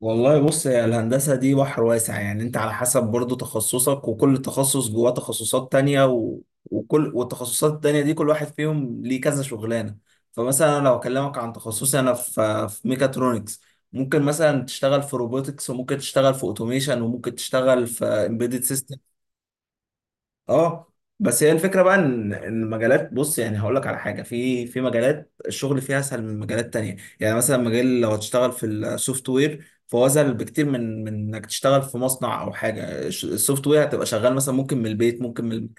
والله بص يا الهندسة دي بحر واسع، يعني انت على حسب برضو تخصصك، وكل تخصص جواه تخصصات تانية وكل والتخصصات التانية دي كل واحد فيهم ليه كذا شغلانة. فمثلا أنا لو اكلمك عن تخصصي انا في ميكاترونكس، ممكن مثلا تشتغل في روبوتكس، وممكن تشتغل في اوتوميشن، وممكن تشتغل في امبيدد سيستم. اه، بس هي الفكره بقى ان المجالات، بص يعني هقول لك على حاجه، في مجالات الشغل فيها اسهل من مجالات تانية. يعني مثلا مجال لو هتشتغل في السوفت وير فهو اسهل بكتير من انك تشتغل في مصنع او حاجه. السوفت وير هتبقى شغال مثلا ممكن من البيت، ممكن من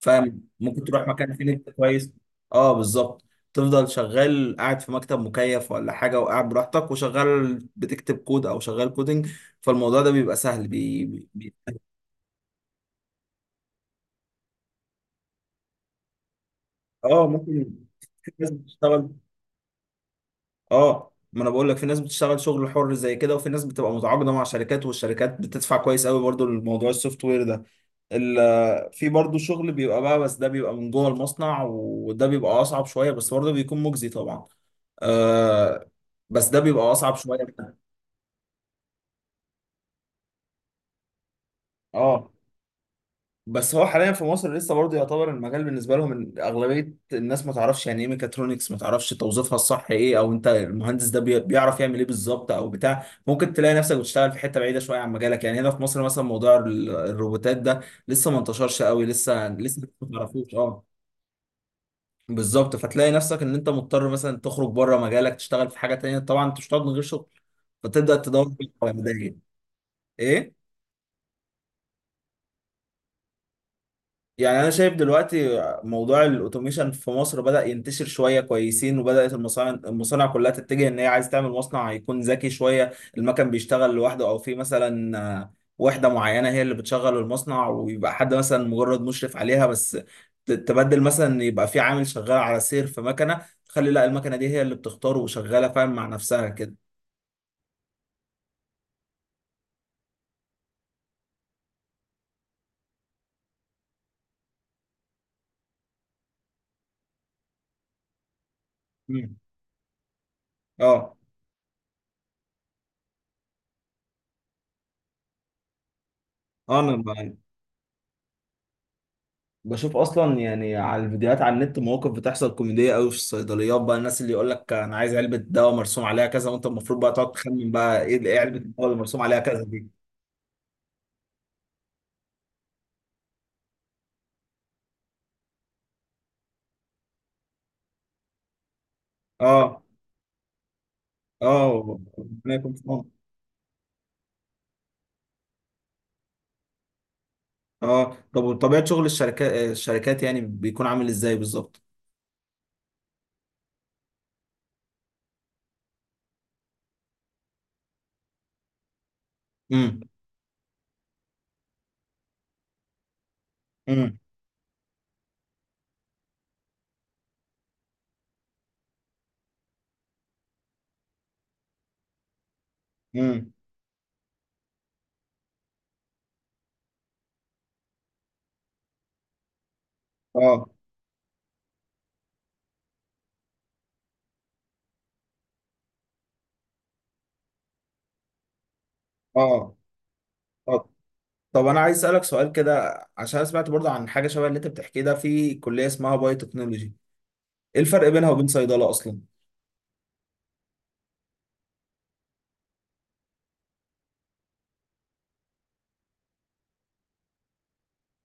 فاهم؟ ممكن تروح مكان فيه نت كويس. اه بالظبط، تفضل شغال قاعد في مكتب مكيف ولا حاجه، وقاعد براحتك وشغال بتكتب كود او شغال كودنج. فالموضوع ده بيبقى سهل بي... اه ممكن. في ناس بتشتغل، اه، ما انا بقول لك في ناس بتشتغل شغل حر زي كده، وفي ناس بتبقى متعاقده مع شركات، والشركات بتدفع كويس قوي برضو لموضوع السوفت وير ده. في برضو شغل بيبقى بقى، بس ده بيبقى من جوه المصنع، وده بيبقى اصعب شويه، بس برضو بيكون مجزي طبعا. آه، بس ده بيبقى اصعب شويه. اه، بس هو حاليا في مصر لسه برضه يعتبر المجال بالنسبه لهم، إن اغلبيه الناس ما تعرفش يعني ايه ميكاترونكس، ما تعرفش توظيفها الصح ايه، او انت المهندس ده بيعرف يعمل ايه بالظبط او بتاع. ممكن تلاقي نفسك بتشتغل في حته بعيده شويه عن مجالك، يعني هنا في مصر مثلا موضوع الروبوتات ده لسه ما انتشرش قوي، لسه ما تعرفوش. اه بالظبط، فتلاقي نفسك ان انت مضطر مثلا تخرج بره مجالك تشتغل في حاجه تانيه، طبعا انت مش هتقعد من غير شغل، فتبدا تدور في الحوالي. ايه؟ يعني انا شايف دلوقتي موضوع الاوتوميشن في مصر بدأ ينتشر شويه كويسين، وبدأت المصانع كلها تتجه ان هي عايز تعمل مصنع هيكون ذكي شويه. المكن بيشتغل لوحده، او في مثلا آه، وحده معينه هي اللي بتشغل المصنع، ويبقى حد مثلا مجرد مشرف عليها بس. تبدل مثلا يبقى في عامل شغال على سير في مكنه، تخلي لا المكنه دي هي اللي بتختار وشغاله، فاهم؟ مع نفسها كده. مم. اه. انا معاك. بشوف اصلا يعني على الفيديوهات على النت مواقف بتحصل كوميديه قوي في الصيدليات بقى، الناس اللي يقول لك انا عايز علبه دواء مرسوم عليها كذا، وانت المفروض بقى تقعد تخمن بقى ايه ايه علبه الدواء اللي مرسوم عليها كذا دي. اه. اه ربنا يكون في عونك. اه، طب وطبيعه شغل الشركات، الشركات يعني بيكون عامل ازاي بالظبط؟ امم. امم. امم. اه. اه. آه. طب انا عايز اسالك سؤال كده، عشان أنا سمعت برضه عن حاجه شبه اللي انت بتحكيه ده، في كليه اسمها بايو تكنولوجي، ايه الفرق بينها وبين صيدله اصلا؟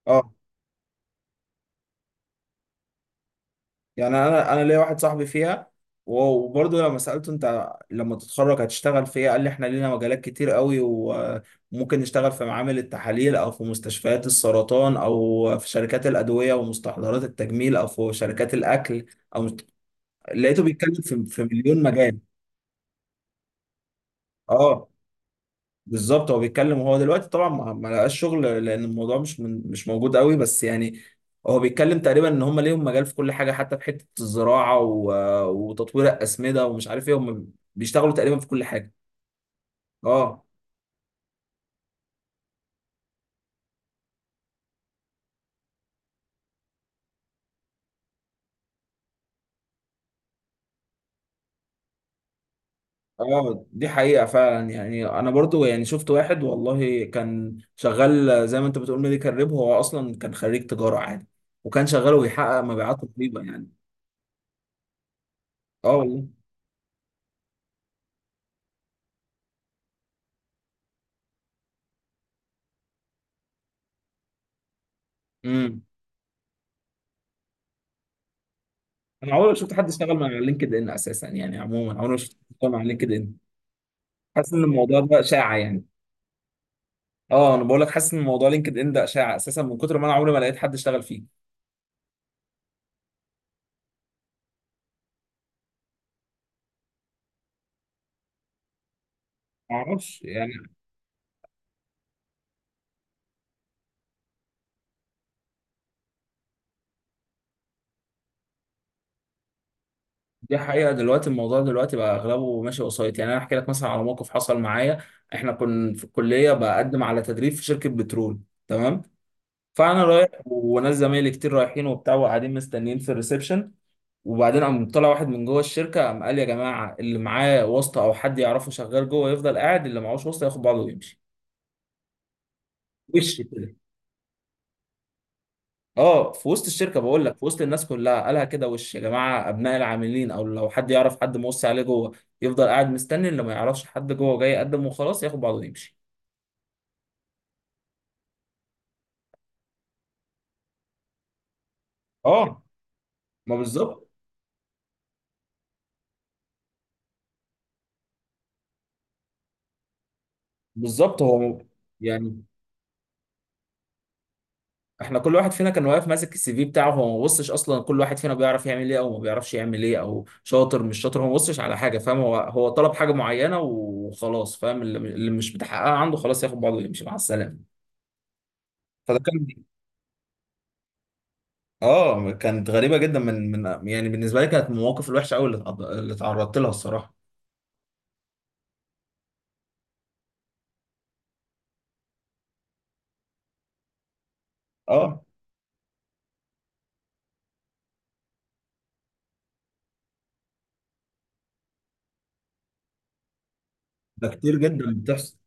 اه، يعني انا ليا واحد صاحبي فيها، وبرضه لما سالته انت لما تتخرج هتشتغل في ايه، قال لي احنا لينا مجالات كتير قوي، وممكن نشتغل في معامل التحاليل، او في مستشفيات السرطان، او في شركات الادويه ومستحضرات التجميل، او في شركات الاكل، او لقيته بيتكلم في في مليون مجال. اه بالظبط، هو بيتكلم وهو دلوقتي طبعا ما لقاش شغل، لان الموضوع مش من مش موجود قوي، بس يعني هو بيتكلم تقريبا ان هم ليهم مجال في كل حاجه، حتى في حته الزراعه وتطوير الاسمده ومش عارف ايه، هم بيشتغلوا تقريبا في كل حاجه. اه. اه دي حقيقه فعلا، يعني انا برضو يعني شفت واحد والله كان شغال زي ما انت بتقول ميديكال ريب، هو اصلا كان خريج تجاره عادي، وكان شغال وبيحقق مبيعات رهيبه يعني. اه والله. امم. انا عمري ما شفت حد اشتغل مع لينكد ان اساسا، يعني عموما عمري ما شفت حد اشتغل مع لينكد ان. حاسس ان الموضوع ده اشاعه يعني. اه انا بقول لك حاسس ان موضوع لينكد ان ده اشاعه اساسا، من كتر ما انا عمري ما لقيت حد اشتغل فيه. ما اعرفش يعني. دي حقيقه، دلوقتي الموضوع دلوقتي بقى اغلبه ماشي وسايط. يعني انا احكي لك مثلا على موقف حصل معايا، احنا كنا في الكليه بقدم على تدريب في شركه بترول، تمام؟ فانا رايح وناس زمايلي كتير رايحين وبتاع، وقاعدين مستنيين في الريسبشن. وبعدين قام طلع واحد من جوه الشركه قام قال يا جماعه، اللي معاه واسطه او حد يعرفه شغال جوه يفضل قاعد، اللي معهوش واسطه ياخد بعضه ويمشي. وش كده. اه، في وسط الشركه بقول لك، في وسط الناس كلها قالها كده وش، يا جماعه ابناء العاملين او لو حد يعرف حد موصي عليه جوه يفضل قاعد مستني، اللي ما يعرفش حد جوه جاي يقدم وخلاص ياخد بعضه ويمشي. اه. ما بالظبط. بالظبط هو يعني، احنا كل واحد فينا كان واقف ماسك السي في بتاعه، هو ما بصش اصلا كل واحد فينا بيعرف يعمل ايه او ما بيعرفش يعمل ايه، او شاطر مش شاطر، هو ما بصش على حاجه، فاهم؟ هو طلب حاجه معينه وخلاص، فاهم؟ اللي مش بتحققها عنده خلاص ياخد بعضه ويمشي مع السلامه. فده كان اه، كانت غريبه جدا من يعني بالنسبه لي، كانت من المواقف الوحشه قوي اللي اتعرضت لها الصراحه. اه، ده كتير جدا بتحصل.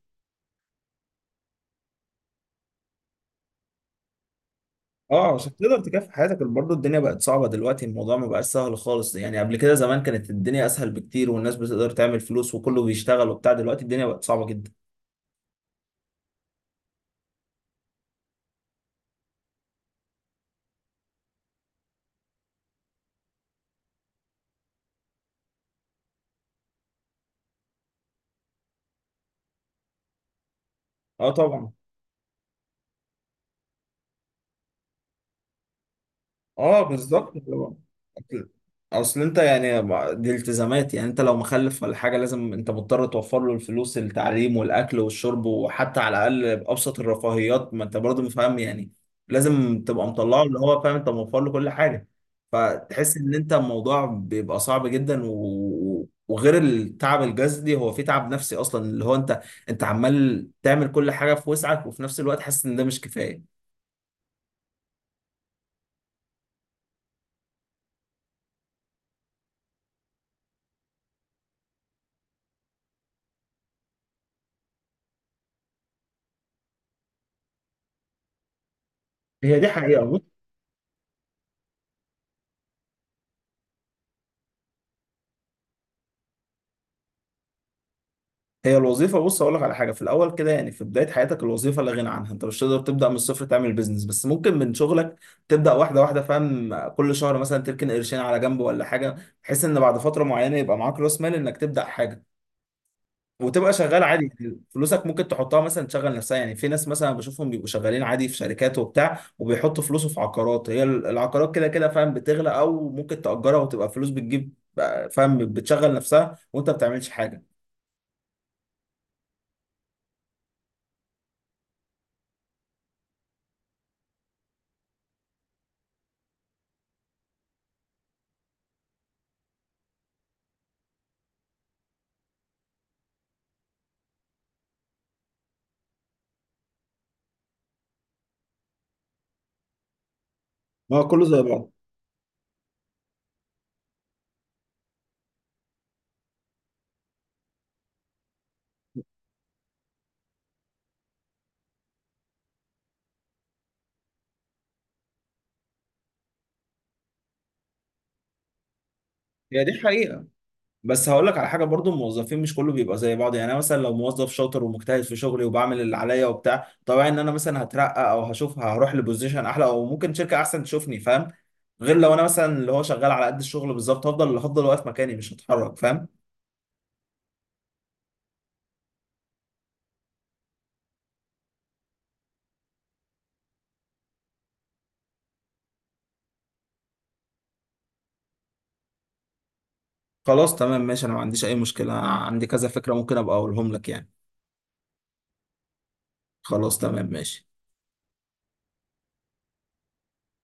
اه عشان تقدر تكافح حياتك، برضه الدنيا بقت صعبة دلوقتي، الموضوع ما بقاش سهل خالص يعني، قبل كده زمان كانت الدنيا اسهل بكتير والناس بتقدر تعمل فلوس وكله بيشتغل وبتاع، دلوقتي الدنيا بقت صعبة جدا. اه طبعا. اه بالظبط اللي هو اصل، أصل انت يعني ما- دي التزامات، يعني انت لو مخلف ولا حاجه لازم، انت مضطر توفر له الفلوس التعليم والاكل والشرب، وحتى على الاقل ابسط الرفاهيات، ما انت برضه فاهم يعني، لازم تبقى مطلعه اللي هو فاهم انت موفر له كل حاجه. فتحس ان انت الموضوع بيبقى صعب جدا، وغير التعب الجسدي هو في تعب نفسي اصلا، اللي هو انت عمال تعمل كل حاجه في وسعك، وفي نفس الوقت حاسس ان ده مش كفايه. هي دي حقيقة. هي الوظيفة بص أقول لك على حاجة، في الأول كده يعني في بداية حياتك الوظيفة لا غنى عنها، أنت مش تقدر تبدأ من الصفر تعمل بيزنس، بس ممكن من شغلك تبدأ واحدة واحدة، فاهم؟ كل شهر مثلا تركن قرشين على جنب ولا حاجة، بحيث إن بعد فترة معينة يبقى معاك رأس مال إنك تبدأ حاجة. وتبقى شغال عادي يعني، فلوسك ممكن تحطها مثلا تشغل نفسها، يعني في ناس مثلا بشوفهم بيبقوا شغالين عادي في شركات وبتاع، وبيحطوا فلوسه في عقارات، هي العقارات كده كده فاهم بتغلى، أو ممكن تأجرها وتبقى فلوس بتجيب، فاهم؟ بتشغل نفسها وأنت ما بتعملش حاجة. ما هو كله زي بعض. هي دي حقيقة، بس هقول لك على حاجه برضو، الموظفين مش كله بيبقى زي بعض، يعني انا مثلا لو موظف شاطر ومجتهد في شغلي وبعمل اللي عليا وبتاع، طبيعي ان انا مثلا هترقى او هشوف هروح لبوزيشن احلى، او ممكن شركه احسن تشوفني، فاهم؟ غير لو انا مثلا اللي هو شغال على قد الشغل بالظبط، هفضل اللي هفضل واقف مكاني مش هتحرك، فاهم؟ خلاص تمام ماشي، انا ما عنديش اي مشكله، أنا عندي كذا فكره ممكن ابقى اقولهم لك يعني. خلاص تمام ماشي.